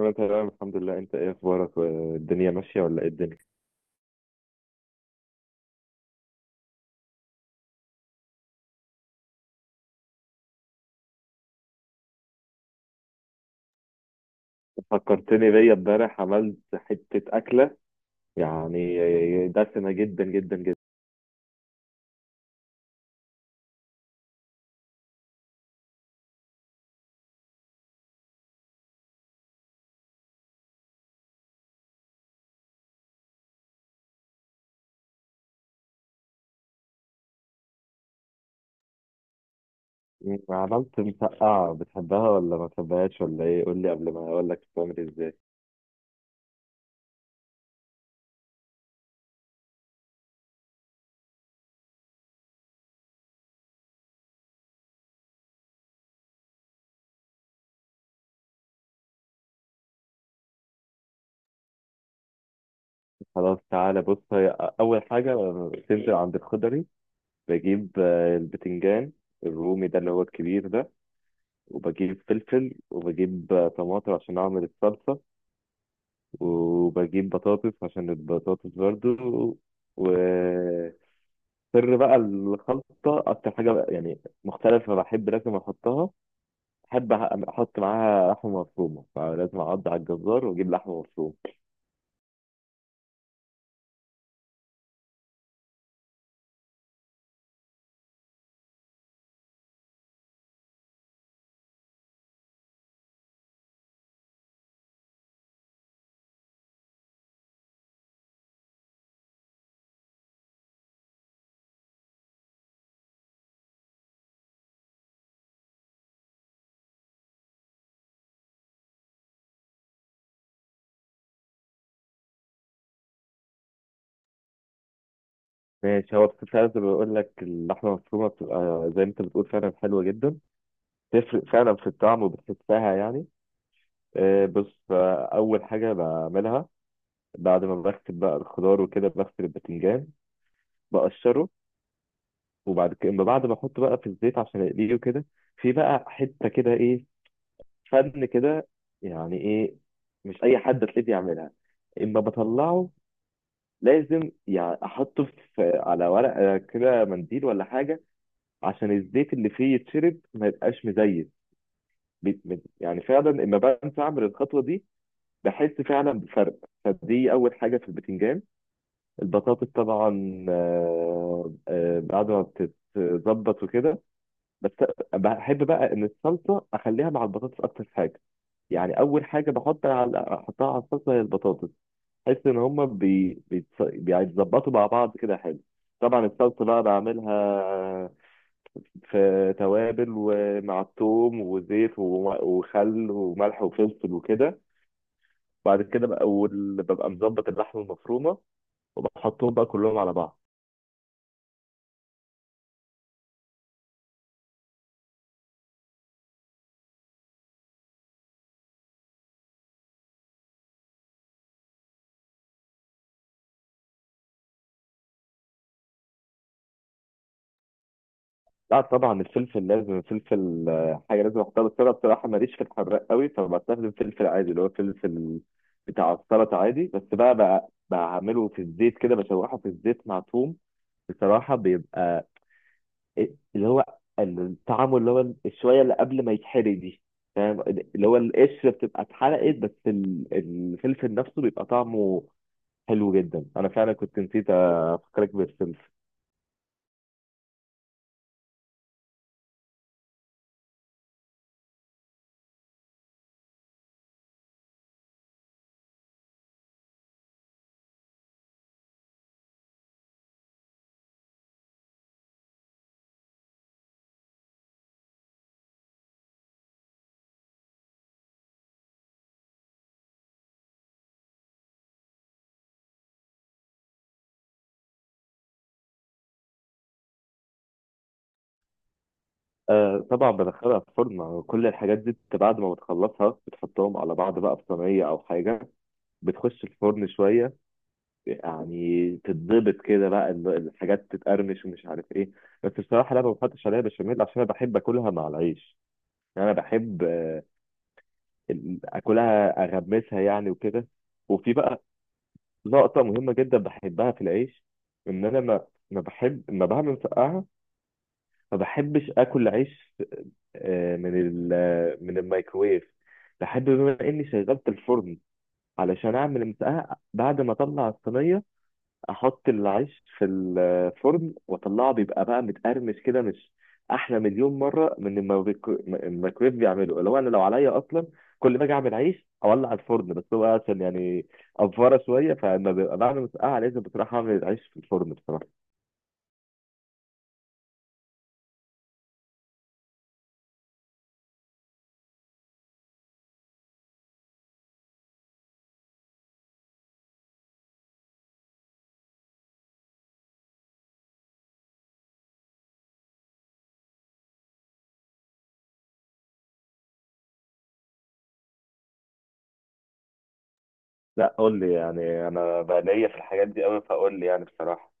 انا تمام الحمد لله. انت ايه اخبارك؟ والدنيا ماشيه ولا ايه الدنيا؟ فكرتني، بيا امبارح عملت حته اكله، يعني دسمه جدا جدا جدا. عملت مسقعه، بتحبها ولا ما بتحبهاش ولا ايه؟ قول لي قبل ما اقول لك بتعمل ازاي. خلاص تعالى بص، هي اول حاجه تنزل عند الخضري، بجيب البتنجان الرومي ده اللي هو الكبير ده، وبجيب فلفل، وبجيب طماطم عشان اعمل الصلصه، وبجيب بطاطس عشان البطاطس برضو. وسر بقى الخلطة، أكتر حاجة بقى مختلفة بحب لازم أحطها، بحب أحط معاها لحمة مفرومة، فلازم أعض على الجزار وأجيب لحمة مفرومة. ماشي، هو فعلا زي ما بقول لك اللحمة المفرومة بتبقى زي ما أنت بتقول فعلا حلوة جدا، تفرق فعلا في الطعم وبتحسها يعني. بص، أول حاجة بعملها بعد ما بغسل بقى الخضار وكده، بغسل الباذنجان بقشره، وبعد كده أما بعد ما احطه بقى في الزيت عشان اقليه وكده، في بقى حته كده ايه، فن كده، يعني ايه، مش اي حد تلاقيه بيعملها. اما بطلعه لازم يعني احطه في على ورقه كده منديل ولا حاجه عشان الزيت اللي فيه يتشرب ما يبقاش مزيت. يعني فعلا اما بنسى اعمل الخطوه دي بحس فعلا بفرق. فدي اول حاجه في البتنجان. البطاطس طبعا بعد ما بتتظبط وكده، بس بحب بقى ان الصلصه اخليها مع البطاطس اكتر حاجه، يعني اول حاجه بحط احطها على الصلصه هي البطاطس. بحس ان هما بيتظبطوا مع بعض كده حلو. طبعا الصلصه بقى بعملها في توابل، ومع الثوم وزيت وخل وملح وفلفل وكده. بعد كده بقى ببقى مظبط اللحمه المفرومه وبحطهم بقى كلهم على بعض. لا طبعا الفلفل، لازم الفلفل حاجه لازم احطها، بس انا بصراحه ماليش في الحراق قوي، فبستخدم فلفل عادي اللي هو فلفل بتاع السلطه عادي، بس بقى بعمله في الزيت كده، بشوحه في الزيت مع توم. بصراحه بيبقى إيه- اللي هو الطعم، اللي هو الشويه اللي قبل ما يتحرق دي، فاهم؟ اللي هو القشره بتبقى اتحرقت، بس الفلفل نفسه بيبقى طعمه حلو جدا. انا فعلا كنت نسيت افكرك بالفلفل. آه طبعا بدخلها في فرن، كل الحاجات دي بعد ما بتخلصها بتحطهم على بعض بقى في صينية أو حاجة، بتخش الفرن شوية، يعني تتضبط كده بقى الحاجات تتقرمش ومش عارف إيه. بس بصراحة لا، ما بحطش عليها بشاميل، عشان أنا بحب آكلها مع العيش. يعني أنا بحب آكلها أغمسها يعني وكده. وفي بقى لقطة مهمة جدا بحبها في العيش، إن أنا ما بعمل مسقعة ما بحبش اكل عيش آه، من ال- آه، من الميكروويف. بحب بما اني شغلت الفرن علشان اعمل مسقعه، بعد ما اطلع الصينيه احط العيش في الفرن واطلعه، بيبقى بقى متقرمش كده، مش احلى مليون مره من الميكروويف بيعمله؟ اللي هو انا لو عليا اصلا كل ما اجي اعمل عيش اولع الفرن، بس هو عشان يعني افاره شويه، فلما ببقى بعمل مسقعه لازم بصراحه اعمل العيش في الفرن بصراحه. لا قول لي، يعني انا بقى ليا في الحاجات دي قوي، فقول لي يعني بصراحه.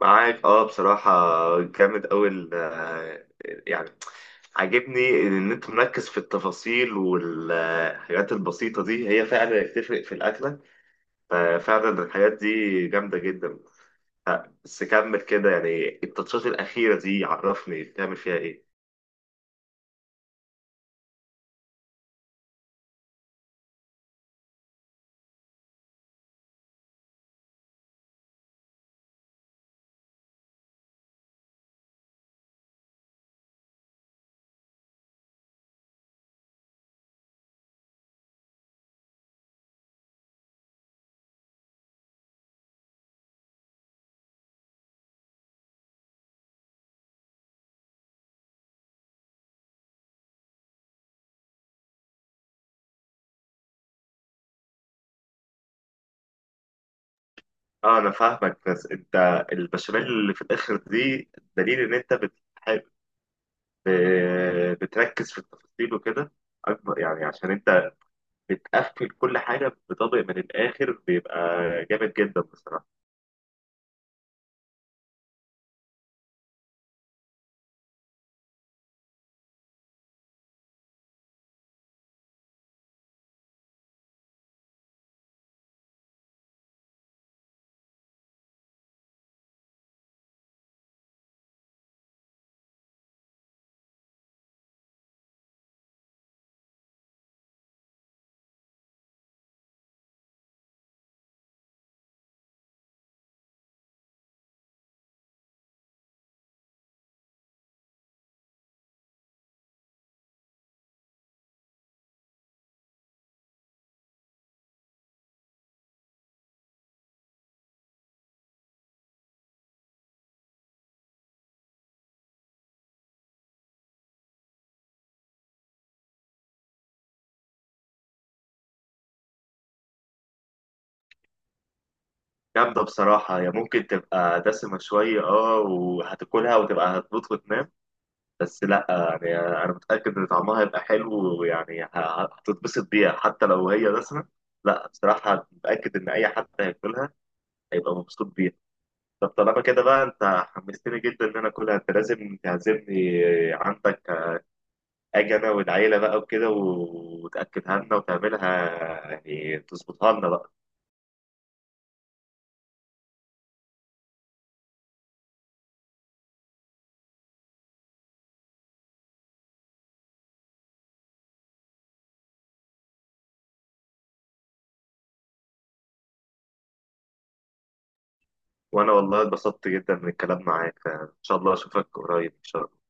معاك اه بصراحة، جامد أوي يعني عاجبني إن أنت مركز في التفاصيل، والحاجات البسيطة دي هي فعلا بتفرق في الأكلة، ففعلا الحاجات دي جامدة جدا. بس كمل كده، يعني التاتشات الأخيرة دي عرفني بتعمل فيها إيه. اه أنا فاهمك، بس أنت البشاميل اللي في الآخر دي دليل إن أنت بتحب بتركز في التفاصيل وكده اكبر، يعني عشان انت بتقفل كل حاجه بطبق من الاخر، بيبقى جامد جدا بصراحه. جامده بصراحه، هي ممكن تبقى دسمه شويه اه، وهتاكلها وتبقى هتموت وتنام، بس لا يعني انا متاكد ان طعمها هيبقى حلو، ويعني هتتبسط بيها حتى لو هي دسمه. لا بصراحه متاكد ان اي حد هياكلها هيبقى مبسوط بيها. طب طالما كده بقى، انت حمستني جدا ان انا اكلها، انت لازم تعزمني عندك، اجي انا والعيله بقى وكده وتاكدها لنا وتعملها، يعني تظبطها لنا بقى. وانا والله اتبسطت جدا من الكلام معاك، ان شاء الله اشوفك قريب ان شاء الله.